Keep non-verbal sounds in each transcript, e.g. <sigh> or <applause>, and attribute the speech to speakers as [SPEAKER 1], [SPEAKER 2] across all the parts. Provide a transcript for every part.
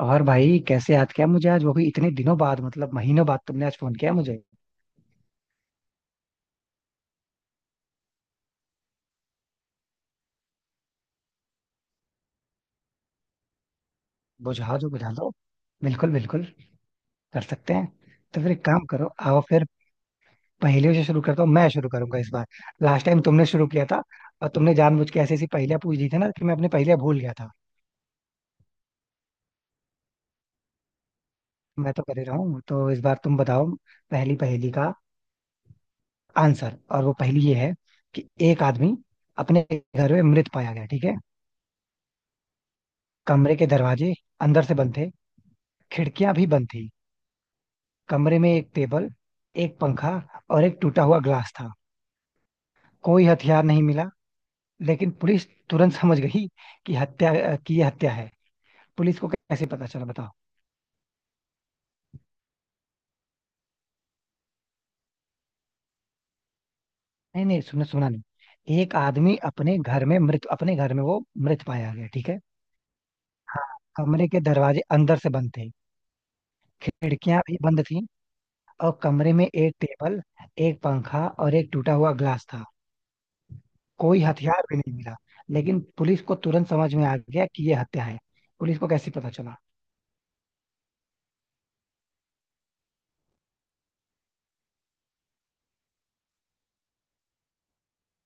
[SPEAKER 1] और भाई कैसे याद किया मुझे आज, वो भी इतने दिनों बाद, मतलब महीनों बाद तुमने आज फोन किया मुझे। बुझाओ जो बुझा दो। बिल्कुल बिल्कुल, कर सकते हैं। तो फिर एक काम करो, आओ फिर पहेलियों से शुरू करता हूँ, मैं शुरू करूंगा इस बार। लास्ट टाइम तुमने शुरू किया था और तुमने जानबूझ के ऐसी ऐसी पहेलियां पूछ दी थी ना कि मैं अपनी पहेलियां भूल गया था। मैं तो कर ही रहा हूँ, तो इस बार तुम बताओ पहली पहेली का आंसर। और वो पहेली ये है कि एक आदमी अपने घर में मृत पाया गया, ठीक है। कमरे के दरवाजे अंदर से बंद थे, खिड़कियां भी बंद थी। कमरे में एक टेबल, एक पंखा और एक टूटा हुआ ग्लास था। कोई हथियार नहीं मिला, लेकिन पुलिस तुरंत समझ गई कि हत्या, की ये हत्या है। पुलिस को कैसे पता चला, बताओ। नहीं नहीं, सुना सुना नहीं। एक आदमी अपने घर में मृत, अपने घर में वो मृत पाया गया, ठीक है। हाँ, कमरे के दरवाजे अंदर से बंद थे, खिड़कियां भी बंद थी, और कमरे में एक टेबल, एक पंखा और एक टूटा हुआ ग्लास था। कोई हथियार भी नहीं मिला, लेकिन पुलिस को तुरंत समझ में आ गया कि ये हत्या है। पुलिस को कैसे पता चला?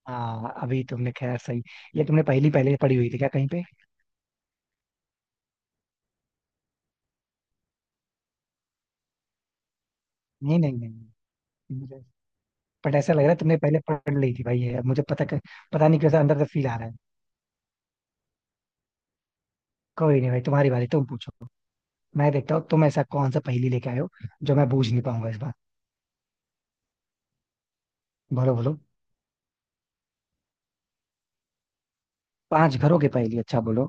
[SPEAKER 1] हाँ अभी तुमने खैर सही। ये तुमने पहली पहले पढ़ी हुई थी क्या कहीं पे? नहीं नहीं नहीं नहीं, मुझे बट ऐसा लग रहा है तुमने पहले पढ़ ली थी भाई ये, अब मुझे पता नहीं कैसा अंदर से फील आ रहा है। कोई नहीं भाई, तुम्हारी बारी, तुम पूछो। मैं देखता हूँ तुम ऐसा कौन सा पहेली लेके आए हो जो मैं बूझ नहीं पाऊंगा इस बार। बोलो बोलो। पांच घरों की पहेली, अच्छा बोलो।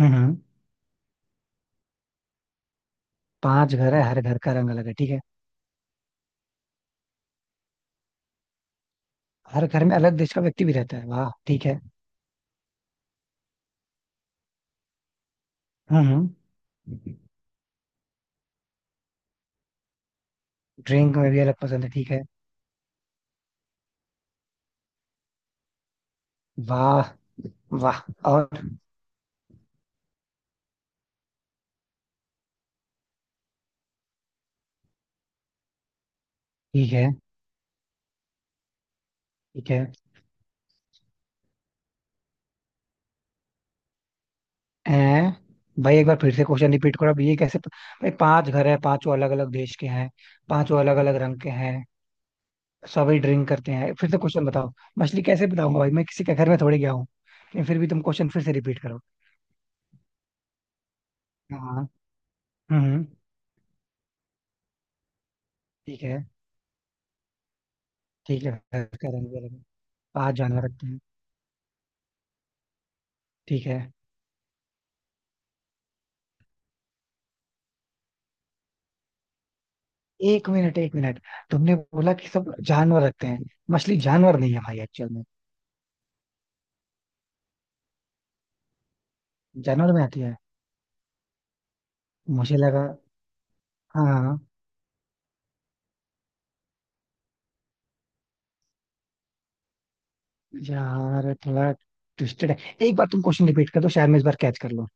[SPEAKER 1] हम्म। पांच घर है, हर घर का रंग अलग है, ठीक है। हर घर में अलग देश का व्यक्ति भी रहता है, वाह ठीक है। हम्म। ड्रिंक में भी अलग पसंद है, ठीक है। वाह वाह। और ठीक है, ठीक है। हैं? भाई एक बार फिर से क्वेश्चन रिपीट करो, अब ये भाई पांच घर है, पांचों अलग अलग देश के हैं, पांचों अलग अलग रंग के हैं, सभी ड्रिंक करते हैं, फिर से क्वेश्चन बताओ। मछली कैसे बताऊंगा भाई, मैं किसी के घर में थोड़ी गया हूँ। लेकिन फिर भी तुम क्वेश्चन फिर से रिपीट करो। हाँ, हम्म। ठीक है, ठीक है, घर का रंग भी अलग है। पांच जानवर रखते हैं, ठीक है। एक मिनट एक मिनट, तुमने बोला कि सब जानवर रखते हैं। मछली जानवर नहीं है भाई एक्चुअल में। जानवर में आती है? मुझे लगा, हाँ। यार थोड़ा ट्विस्टेड है। एक बार तुम क्वेश्चन रिपीट कर दो, शायद मैं इस बार कैच कर लूं।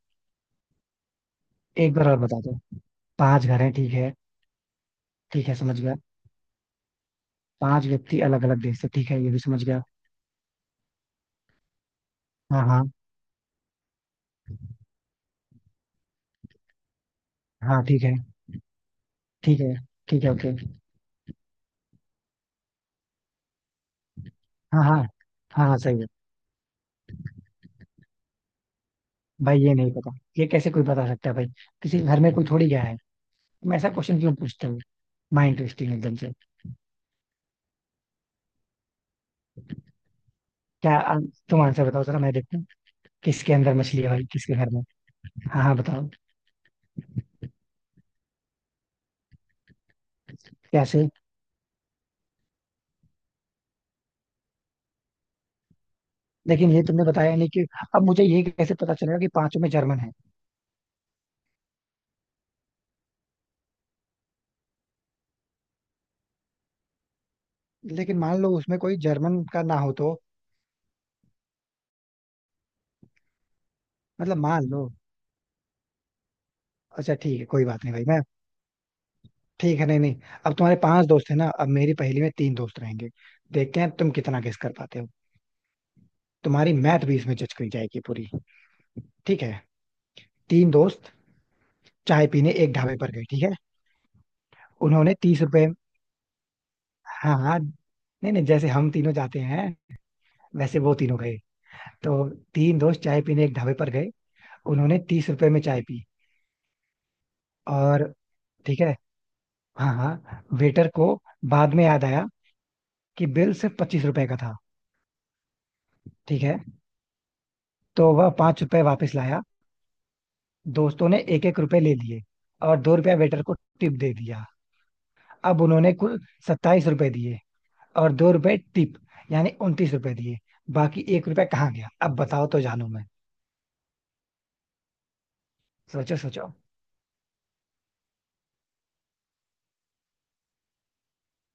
[SPEAKER 1] एक बार और बता दो। पांच घर हैं, ठीक है। ठीक है समझ गया, पांच व्यक्ति अलग अलग देश से, ठीक है ये भी समझ गया। हाँ हाँ। हाँ ठीक है। ठीक है, ठीक है ओके। हाँ हाँ। हाँ हाँ सही है। भाई ये नहीं पता, ये कैसे कोई बता सकता है भाई? किसी घर में कोई थोड़ी गया है। तुम ऐसा क्वेश्चन क्यों पूछते हो? माइंड ट्विस्टिंग एकदम से। क्या आ, तुम आंसर बताओ जरा मैं देखता हूँ। किसके अंदर मछली है भाई, किसके घर में? हाँ हाँ बताओ। कैसे? लेकिन ये तुमने बताया नहीं कि, अब मुझे ये कैसे पता चलेगा कि पांचों में जर्मन है? लेकिन मान लो उसमें कोई जर्मन का ना हो तो? मतलब मान लो, अच्छा ठीक है कोई बात नहीं भाई मैं, ठीक है, नहीं नहीं। अब तुम्हारे पांच दोस्त हैं ना, अब मेरी पहेली में तीन दोस्त रहेंगे। देखते हैं तुम कितना गेस कर पाते हो। तुम्हारी मैथ भी इसमें जज करी जाएगी पूरी। ठीक है, तीन दोस्त चाय पीने एक ढाबे पर गए, ठीक है। उन्होंने 30 रुपए, हाँ हाँ नहीं नहीं, जैसे हम तीनों जाते हैं वैसे वो तीनों गए, तो तीन दोस्त चाय पीने एक ढाबे पर गए, उन्होंने 30 रुपए में चाय पी। और ठीक है, हाँ हाँ, वेटर को बाद में याद आया कि बिल सिर्फ 25 रुपए का था, ठीक है। तो वह 5 रुपए वापस लाया, दोस्तों ने एक एक रुपए ले लिए और 2 रुपया वेटर को टिप दे दिया। अब उन्होंने कुल 27 रुपए दिए, और 2 रुपए टिप, यानी 29 रुपए दिए। बाकी एक रुपया कहाँ गया, अब बताओ तो जानू मैं। सोचो सोचो।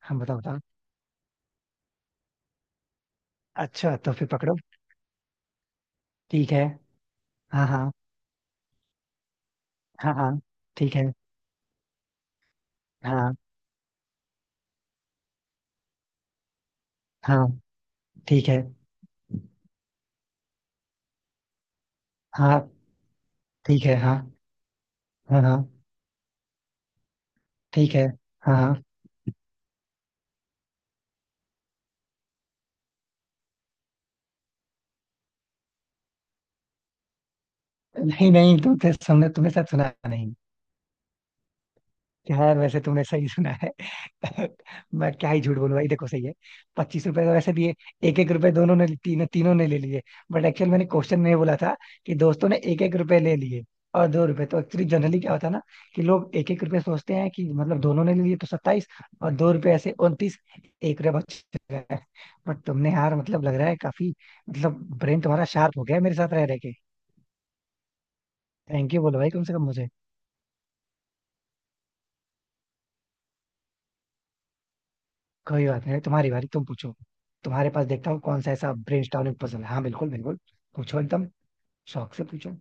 [SPEAKER 1] हम बताओ बताओ। अच्छा तो फिर पकड़ो, ठीक है। हाँ हाँ, हाँ हाँ, ठीक है, हाँ हाँ, ठीक है, हाँ, ठीक है, हाँ हाँ, हाँ ठीक है, हाँ हाँ। नहीं नहीं, तुम तो तुमने तुमने शायद सुना नहीं। यार वैसे तुमने सही सुना है। <laughs> मैं क्या ही झूठ बोलूं भाई, देखो सही है। 25 रुपए का वैसे दिए, एक एक रुपए दोनों ने, तीनों तीनों ने ले लिए। बट एक्चुअल मैंने क्वेश्चन में ये बोला था कि दोस्तों ने एक एक रुपए ले लिए और दो रुपए, तो एक्चुअली जनरली क्या होता है ना कि लोग एक एक रुपए सोचते हैं, कि मतलब दोनों ने ले लिए तो 27, और दो रुपए ऐसे 29, एक रुपया बच गया। बट तुमने यार, मतलब लग रहा है काफी, मतलब ब्रेन तुम्हारा शार्प हो गया है मेरे साथ रह रहे के। थैंक यू बोलो भाई कम से कम मुझे। कोई बात नहीं, तुम्हारी बारी तुम पूछो। तुम्हारे पास देखता हूँ कौन सा ऐसा ब्रेनस्टॉर्मिंग पजल है। हाँ बिल्कुल बिल्कुल। पूछो एकदम, शौक से पूछो।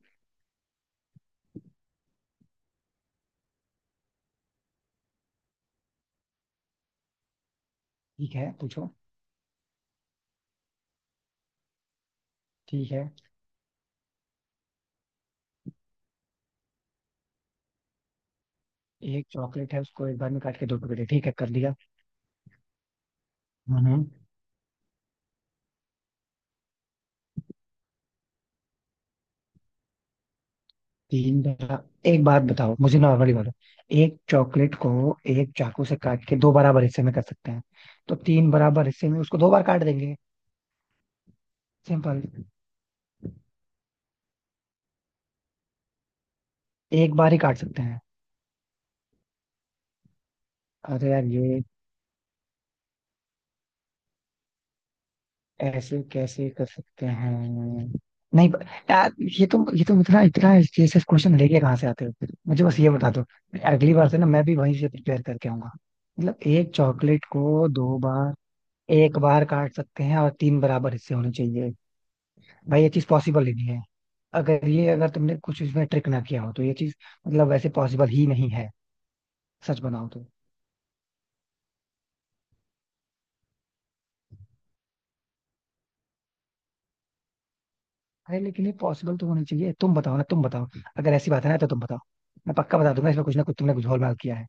[SPEAKER 1] ठीक है पूछो। ठीक है। एक चॉकलेट है उसको एक बार में काट के दो टुकड़े, ठीक है कर दिया। हम्म। तीन बार? एक बात बताओ मुझे नॉर्मली बोलो, एक चॉकलेट को एक चाकू से काट के दो बराबर हिस्से में कर सकते हैं, तो तीन बराबर हिस्से में उसको दो बार काट देंगे, सिंपल। एक बार ही काट सकते हैं? अरे यार ये, ऐसे कैसे कर सकते हैं? नहीं ब- यार ये तुम इतना इतना ऐसे क्वेश्चन लेके कहाँ से आते हो, मुझे बस ये बता दो, अगली बार से ना मैं भी वहीं से प्रिपेयर करके आऊंगा। मतलब एक चॉकलेट को दो बार, एक बार काट सकते हैं और तीन बराबर हिस्से होने चाहिए, भाई ये चीज पॉसिबल ही नहीं है। अगर ये, अगर तुमने कुछ इसमें ट्रिक ना किया हो तो ये चीज मतलब वैसे पॉसिबल ही नहीं है, सच बनाओ तो। अरे लेकिन ये पॉसिबल तो होनी चाहिए, तुम बताओ ना, तुम बताओ, अगर ऐसी बात है ना तो तुम बताओ। मैं पक्का बता दूंगा इसमें कुछ ना कुछ, तुमने कुछ झोलमाल किया है।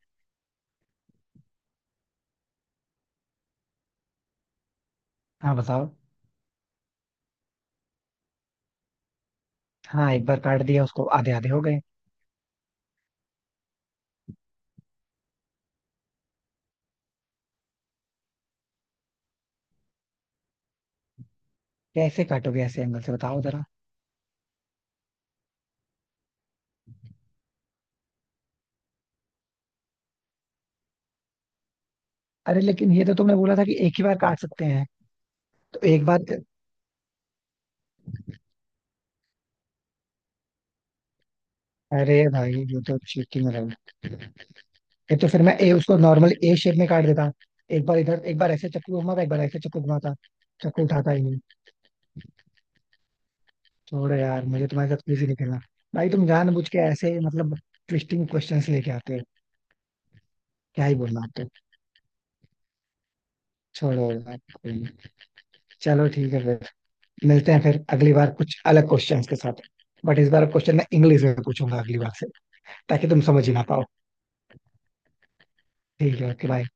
[SPEAKER 1] हाँ बताओ। हाँ एक बार काट दिया, उसको आधे आधे हो गए। कैसे काटोगे ऐसे एंगल से बताओ जरा? अरे लेकिन ये तो तुमने बोला था कि एक ही बार काट सकते हैं। तो एक बार, अरे भाई ये तो चीटिंग है। ये तो फिर मैं ए उसको नॉर्मल ए शेप में काट देता, एक बार इधर, एक बार ऐसे चक्कू घुमाता, एक बार ऐसे चक्कू घुमाता, चक्कू उठाता ही नहीं। छोड़ो यार, मुझे तुम्हारे साथ कुछ ही नहीं खेलना। भाई तुम जानबूझ के ऐसे, मतलब ट्विस्टिंग क्वेश्चंस लेके आते हो। क्या ही बोलना आपको। छोड़ो यार, कोई नहीं। चलो ठीक है फिर, मिलते हैं फिर अगली बार कुछ अलग क्वेश्चंस के साथ। बट इस बार क्वेश्चन मैं इंग्लिश में पूछूंगा अगली बार से, ताकि तुम समझ ही ना पाओ। ठीक है, ओके बाय।